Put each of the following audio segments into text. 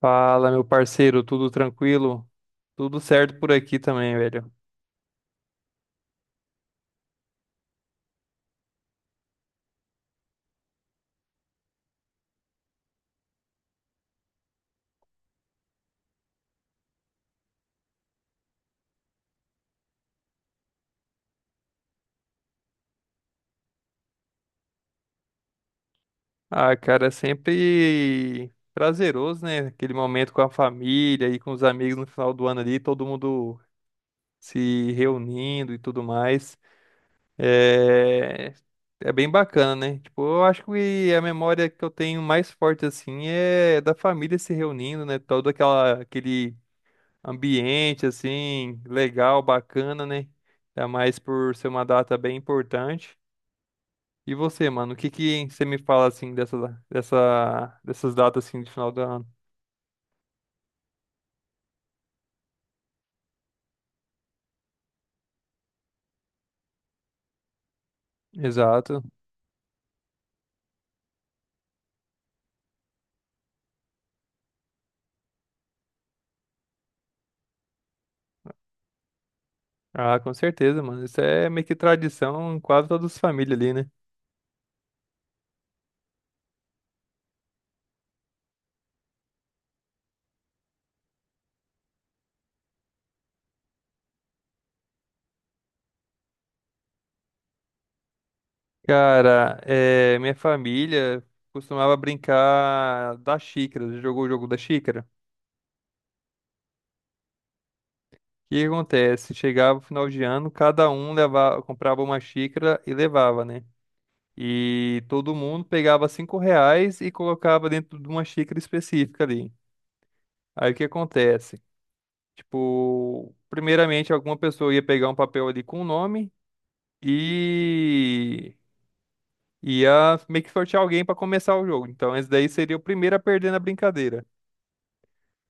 Fala, meu parceiro, tudo tranquilo? Tudo certo por aqui também, velho. Ah, cara, é sempre prazeroso, né? Aquele momento com a família e com os amigos no final do ano ali, todo mundo se reunindo e tudo mais. É, é bem bacana, né? Tipo, eu acho que a memória que eu tenho mais forte, assim, é da família se reunindo, né? Aquele ambiente, assim, legal, bacana, né? Ainda mais por ser uma data bem importante. E você, mano, o que que você me fala assim dessas datas assim de final do ano? Exato. Ah, com certeza, mano. Isso é meio que tradição em quase todas as famílias ali, né? Cara, é, minha família costumava brincar da xícara. Jogou o jogo da xícara? O que que acontece? Chegava o final de ano, cada um levava, comprava uma xícara e levava, né? E todo mundo pegava 5 reais e colocava dentro de uma xícara específica ali. Aí o que acontece? Tipo, primeiramente, alguma pessoa ia pegar um papel ali com o nome e ia meio que sortear alguém para começar o jogo. Então, esse daí seria o primeiro a perder na brincadeira.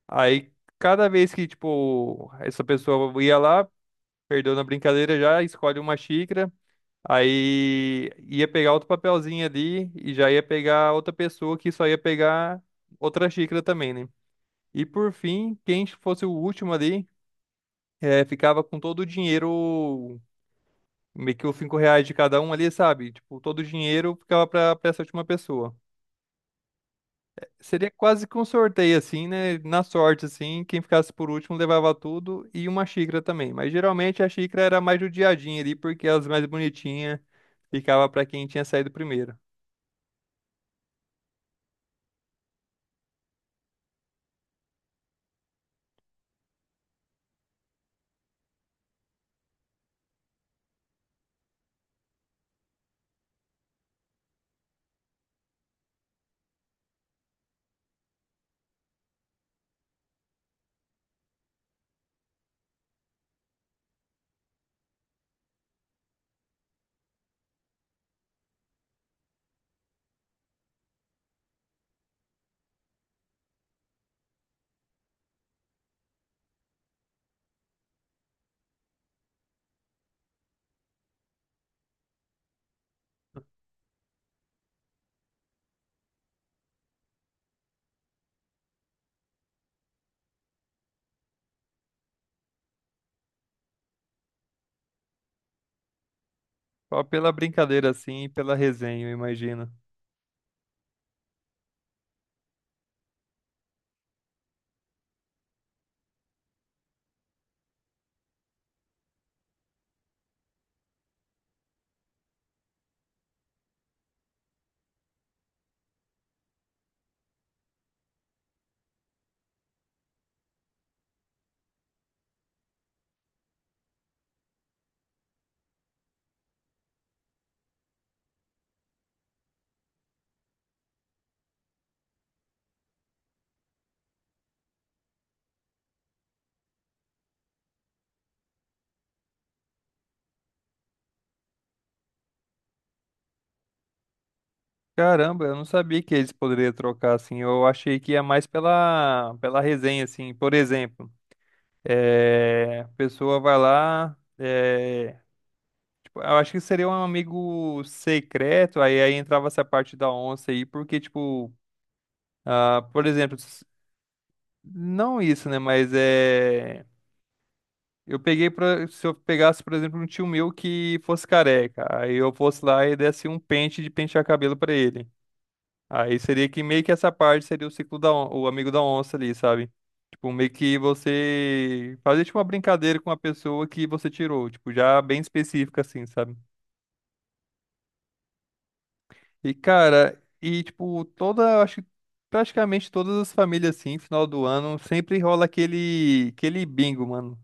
Aí, cada vez que, tipo, essa pessoa ia lá, perdeu na brincadeira já, escolhe uma xícara. Aí ia pegar outro papelzinho ali e já ia pegar outra pessoa que só ia pegar outra xícara também, né? E por fim, quem fosse o último ali, ficava com todo o dinheiro. Meio que os 5 reais de cada um ali, sabe? Tipo, todo o dinheiro ficava pra essa última pessoa. Seria quase que um sorteio, assim, né? Na sorte, assim, quem ficasse por último levava tudo e uma xícara também. Mas geralmente a xícara era mais do ali, porque as mais bonitinhas ficava pra quem tinha saído primeiro. Só pela brincadeira, assim, e pela resenha, eu imagino. Caramba, eu não sabia que eles poderiam trocar, assim. Eu achei que ia mais pela resenha, assim. Por exemplo, a pessoa vai lá. Eu acho que seria um amigo secreto, aí, aí entrava essa parte da onça aí, porque, tipo, ah, por exemplo, não isso, né? Mas é. Eu peguei pra. Se eu pegasse, por exemplo, um tio meu que fosse careca, aí eu fosse lá e desse um pente de pentear cabelo pra ele. Aí seria que meio que essa parte seria o o amigo da onça ali, sabe? Tipo, meio que você fazer tipo uma brincadeira com a pessoa que você tirou, tipo, já bem específica assim, sabe? E, cara, e tipo, toda, acho que praticamente todas as famílias, assim, final do ano, sempre rola aquele bingo, mano.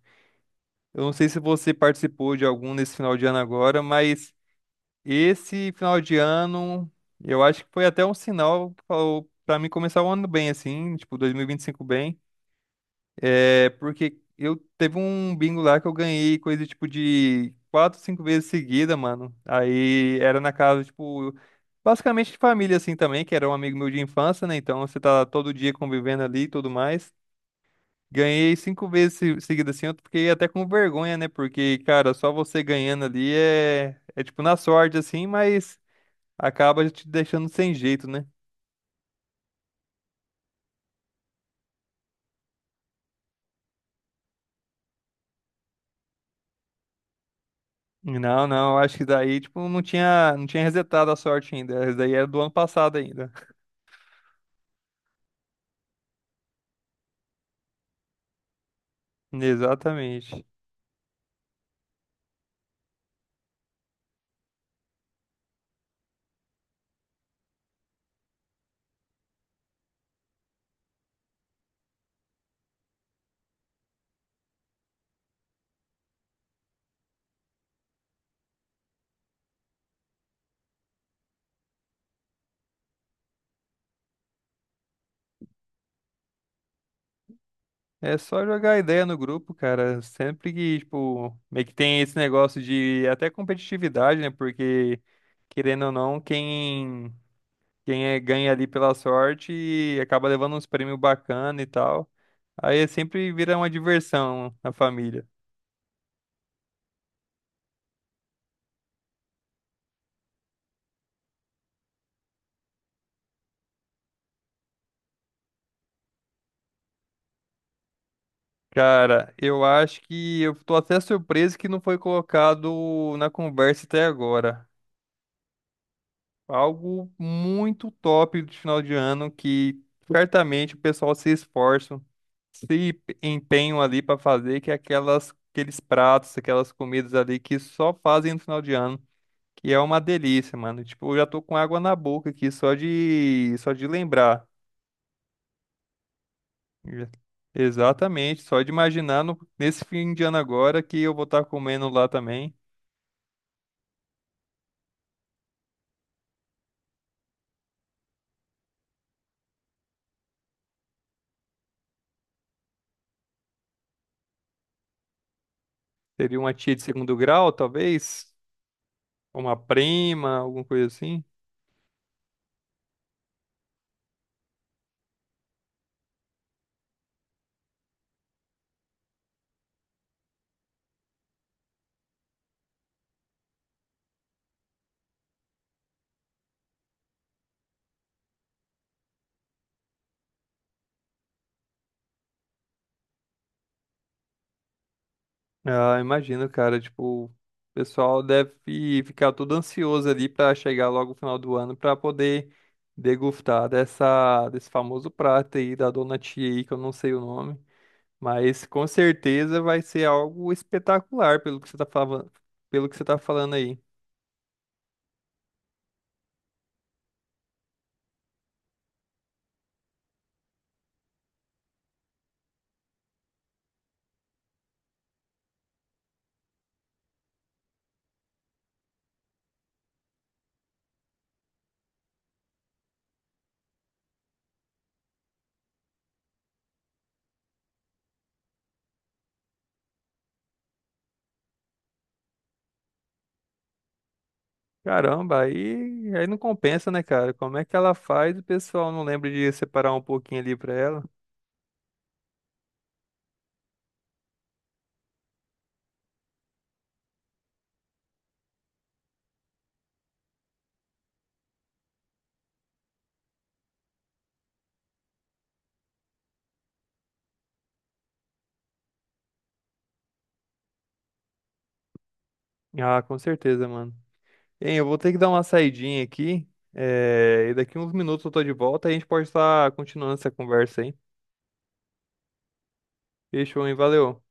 Eu não sei se você participou de algum nesse final de ano agora, mas esse final de ano, eu acho que foi até um sinal pra mim começar o ano bem, assim, tipo, dois mil e vinte e cinco bem. É porque eu teve um bingo lá que eu ganhei coisa tipo de quatro, cinco vezes seguida, mano. Aí era na casa, tipo, basicamente de família assim também, que era um amigo meu de infância, né? Então você tá todo dia convivendo ali e tudo mais. Ganhei 5 vezes seguida assim, eu fiquei até com vergonha, né? Porque, cara, só você ganhando ali é, é tipo na sorte assim, mas acaba te deixando sem jeito, né? Não, não, acho que daí, tipo, não tinha resetado a sorte ainda. Essa daí era do ano passado ainda. Exatamente. É só jogar ideia no grupo, cara. Sempre que, tipo, meio que tem esse negócio de até competitividade, né? Porque, querendo ou não, ganha ali pela sorte acaba levando uns prêmios bacana e tal. Aí é sempre vira uma diversão na família. Cara, eu acho que eu tô até surpreso que não foi colocado na conversa até agora. Algo muito top de final de ano que certamente o pessoal se esforça. Se empenham ali para fazer, que é aquelas, aqueles pratos, aquelas comidas ali que só fazem no final de ano, que é uma delícia, mano. Tipo, eu já tô com água na boca aqui só de lembrar. Já- Exatamente, só de imaginar nesse fim de ano agora que eu vou estar comendo lá também. Seria uma tia de segundo grau, talvez, uma prima, alguma coisa assim. Ah, imagino, cara, tipo, o pessoal deve ficar todo ansioso ali pra chegar logo o final do ano pra poder degustar dessa desse famoso prato aí da Dona Tia aí, que eu não sei o nome, mas com certeza vai ser algo espetacular pelo que você tá falando, pelo que você tá falando aí. Caramba, aí não compensa, né, cara? Como é que ela faz? O pessoal não lembra de separar um pouquinho ali pra ela? Ah, com certeza, mano. Hein, eu vou ter que dar uma saidinha aqui. E daqui uns minutos eu tô de volta. A gente pode estar continuando essa conversa aí. Fechou, hein? Valeu.